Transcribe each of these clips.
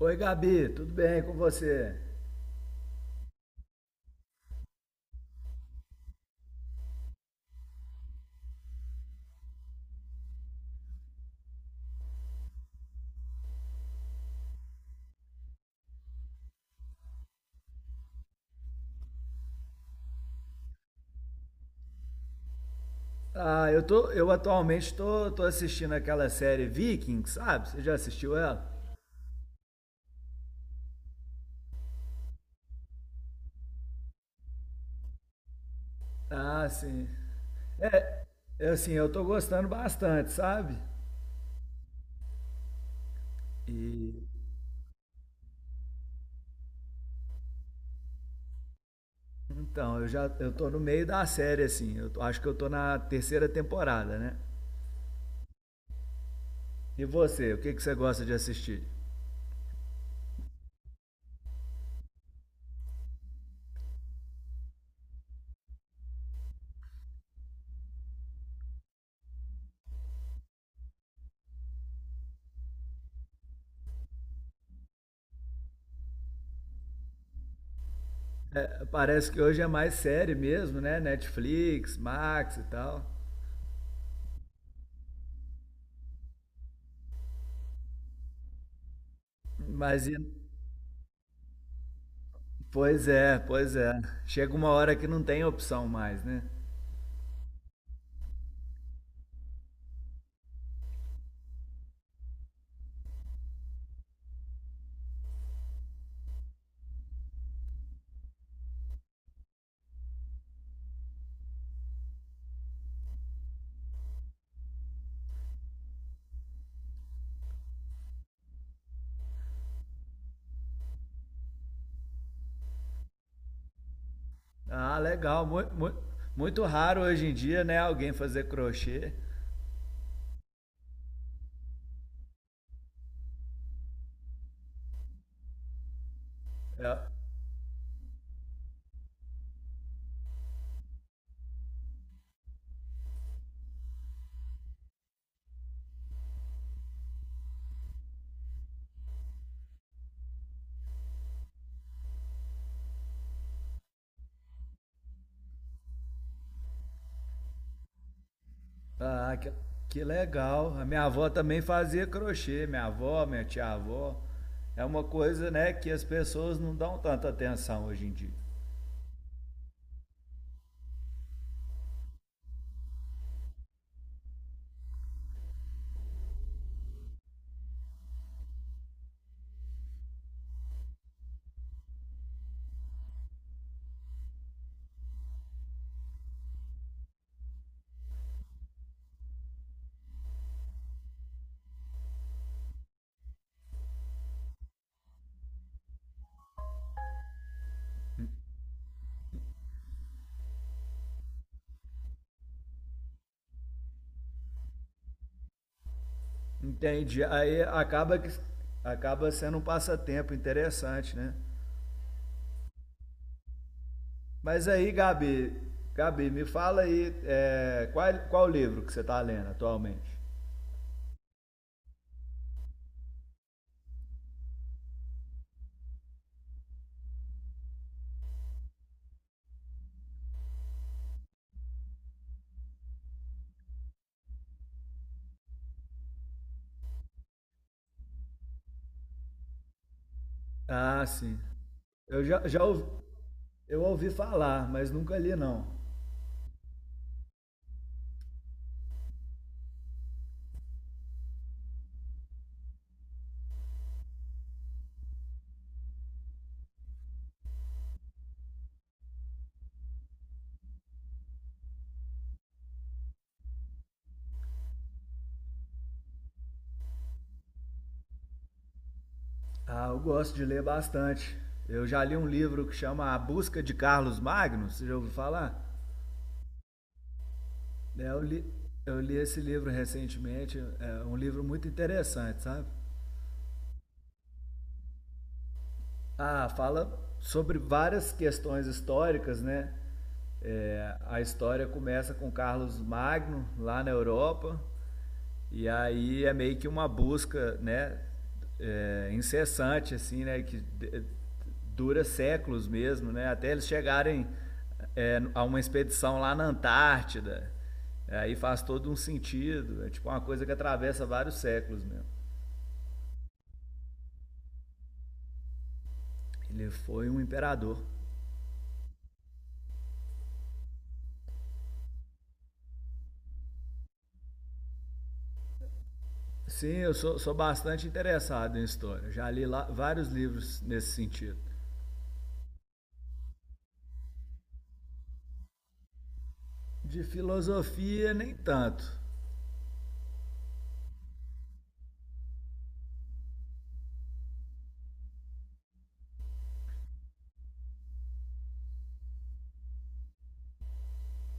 Oi, Gabi, tudo bem com você? Ah, eu atualmente tô assistindo aquela série Vikings, sabe? Você já assistiu ela? Ah, sim. É, é assim, eu tô gostando bastante, sabe? E então, eu tô no meio da série assim. Acho que eu tô na terceira temporada, né? E você, o que que você gosta de assistir? É, parece que hoje é mais série mesmo, né? Netflix, Max e tal. Mas e- Pois é, pois é. Chega uma hora que não tem opção mais, né? Ah, legal. Muito, muito, muito raro hoje em dia, né? Alguém fazer crochê. É. Ah, que legal. A minha avó também fazia crochê. Minha avó, minha tia-avó. É uma coisa, né, que as pessoas não dão tanta atenção hoje em dia. Entendi. Aí acaba que acaba sendo um passatempo interessante, né? Mas aí, Gabi, Gabi, me fala aí qual livro que você está lendo atualmente? Ah, sim. Eu já ouvi falar, mas nunca li não. Ah, eu gosto de ler bastante. Eu já li um livro que chama A Busca de Carlos Magno, você já ouviu falar? É, eu li esse livro recentemente, é um livro muito interessante, sabe? Ah, fala sobre várias questões históricas, né? É, a história começa com Carlos Magno lá na Europa e aí é meio que uma busca, né, incessante assim, né, que dura séculos mesmo, né, até eles chegarem a uma expedição lá na Antártida. Aí faz todo um sentido, é tipo uma coisa que atravessa vários séculos mesmo. Ele foi um imperador. Sim, eu sou bastante interessado em história. Já li lá vários livros nesse sentido. De filosofia, nem tanto,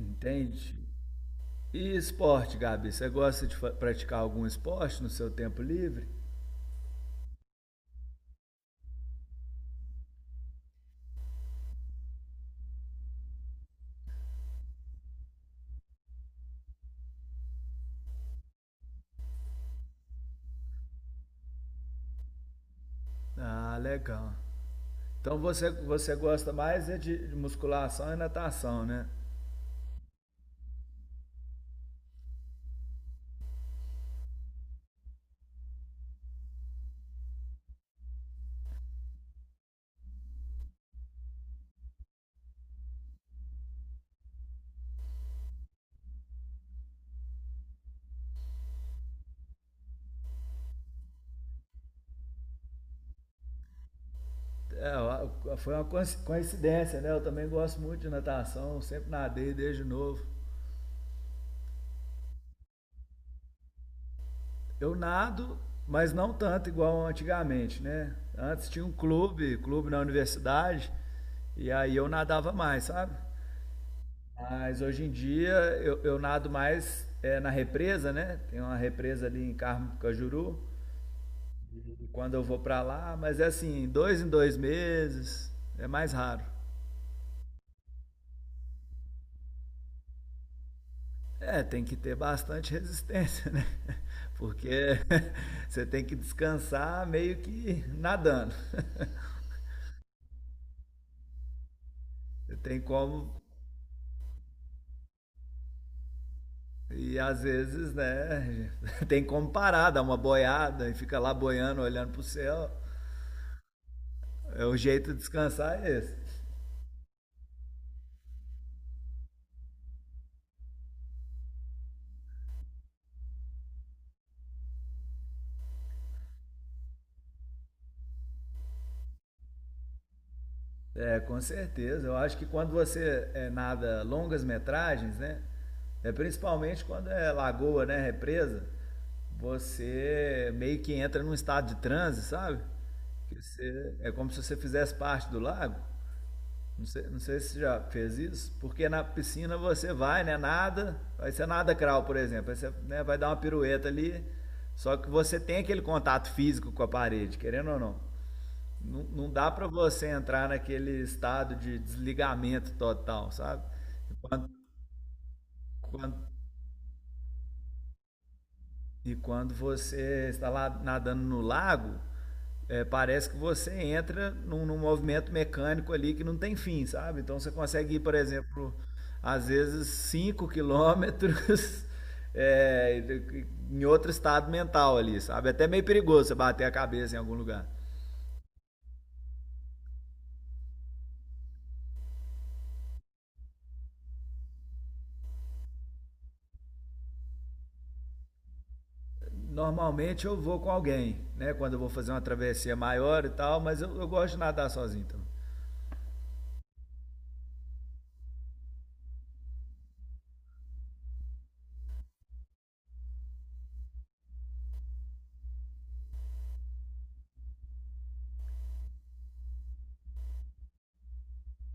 entende? E esporte, Gabi? Você gosta de praticar algum esporte no seu tempo livre? Ah, legal. Então você gosta mais é de musculação e natação, né? É, ó, foi uma coincidência, né? Eu também gosto muito de natação, sempre nadei desde novo. Eu nado, mas não tanto igual antigamente, né? Antes tinha um clube, clube na universidade, e aí eu nadava mais, sabe? Mas hoje em dia eu nado mais na represa, né? Tem uma represa ali em Carmo do Cajuru, e quando eu vou pra lá, mas é assim, dois em dois meses, é mais raro. É, tem que ter bastante resistência, né? Porque você tem que descansar meio que nadando. Você tem como E às vezes, né, tem como parar, dar uma boiada e fica lá boiando, olhando pro céu. É o jeito de descansar é esse. É, com certeza. Eu acho que quando você nada longas metragens, né, é principalmente quando é lagoa, né, represa, você meio que entra num estado de transe, sabe? Que você, é como se você fizesse parte do lago. Não sei, não sei se você já fez isso, porque na piscina você vai, né? Nada, vai ser nada crawl, por exemplo. Aí você né, vai dar uma pirueta ali, só que você tem aquele contato físico com a parede, querendo ou não. Não, não dá para você entrar naquele estado de desligamento total, sabe? Quando, quando E quando você está lá nadando no lago, parece que você entra num movimento mecânico ali que não tem fim, sabe? Então você consegue ir, por exemplo, às vezes 5 km é, em outro estado mental ali, sabe? É até meio perigoso você bater a cabeça em algum lugar. Normalmente eu vou com alguém, né? Quando eu vou fazer uma travessia maior e tal, mas eu gosto de nadar sozinho então.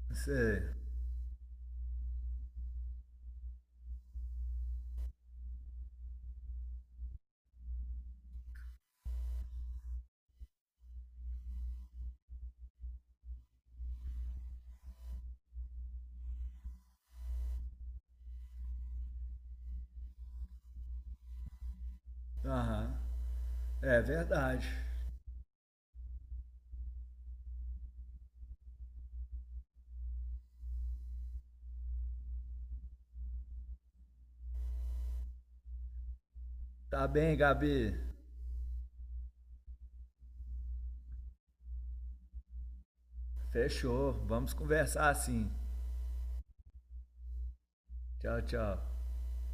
Você... Aham. É verdade. Tá bem, Gabi? Fechou. Vamos conversar assim. Tchau, tchau.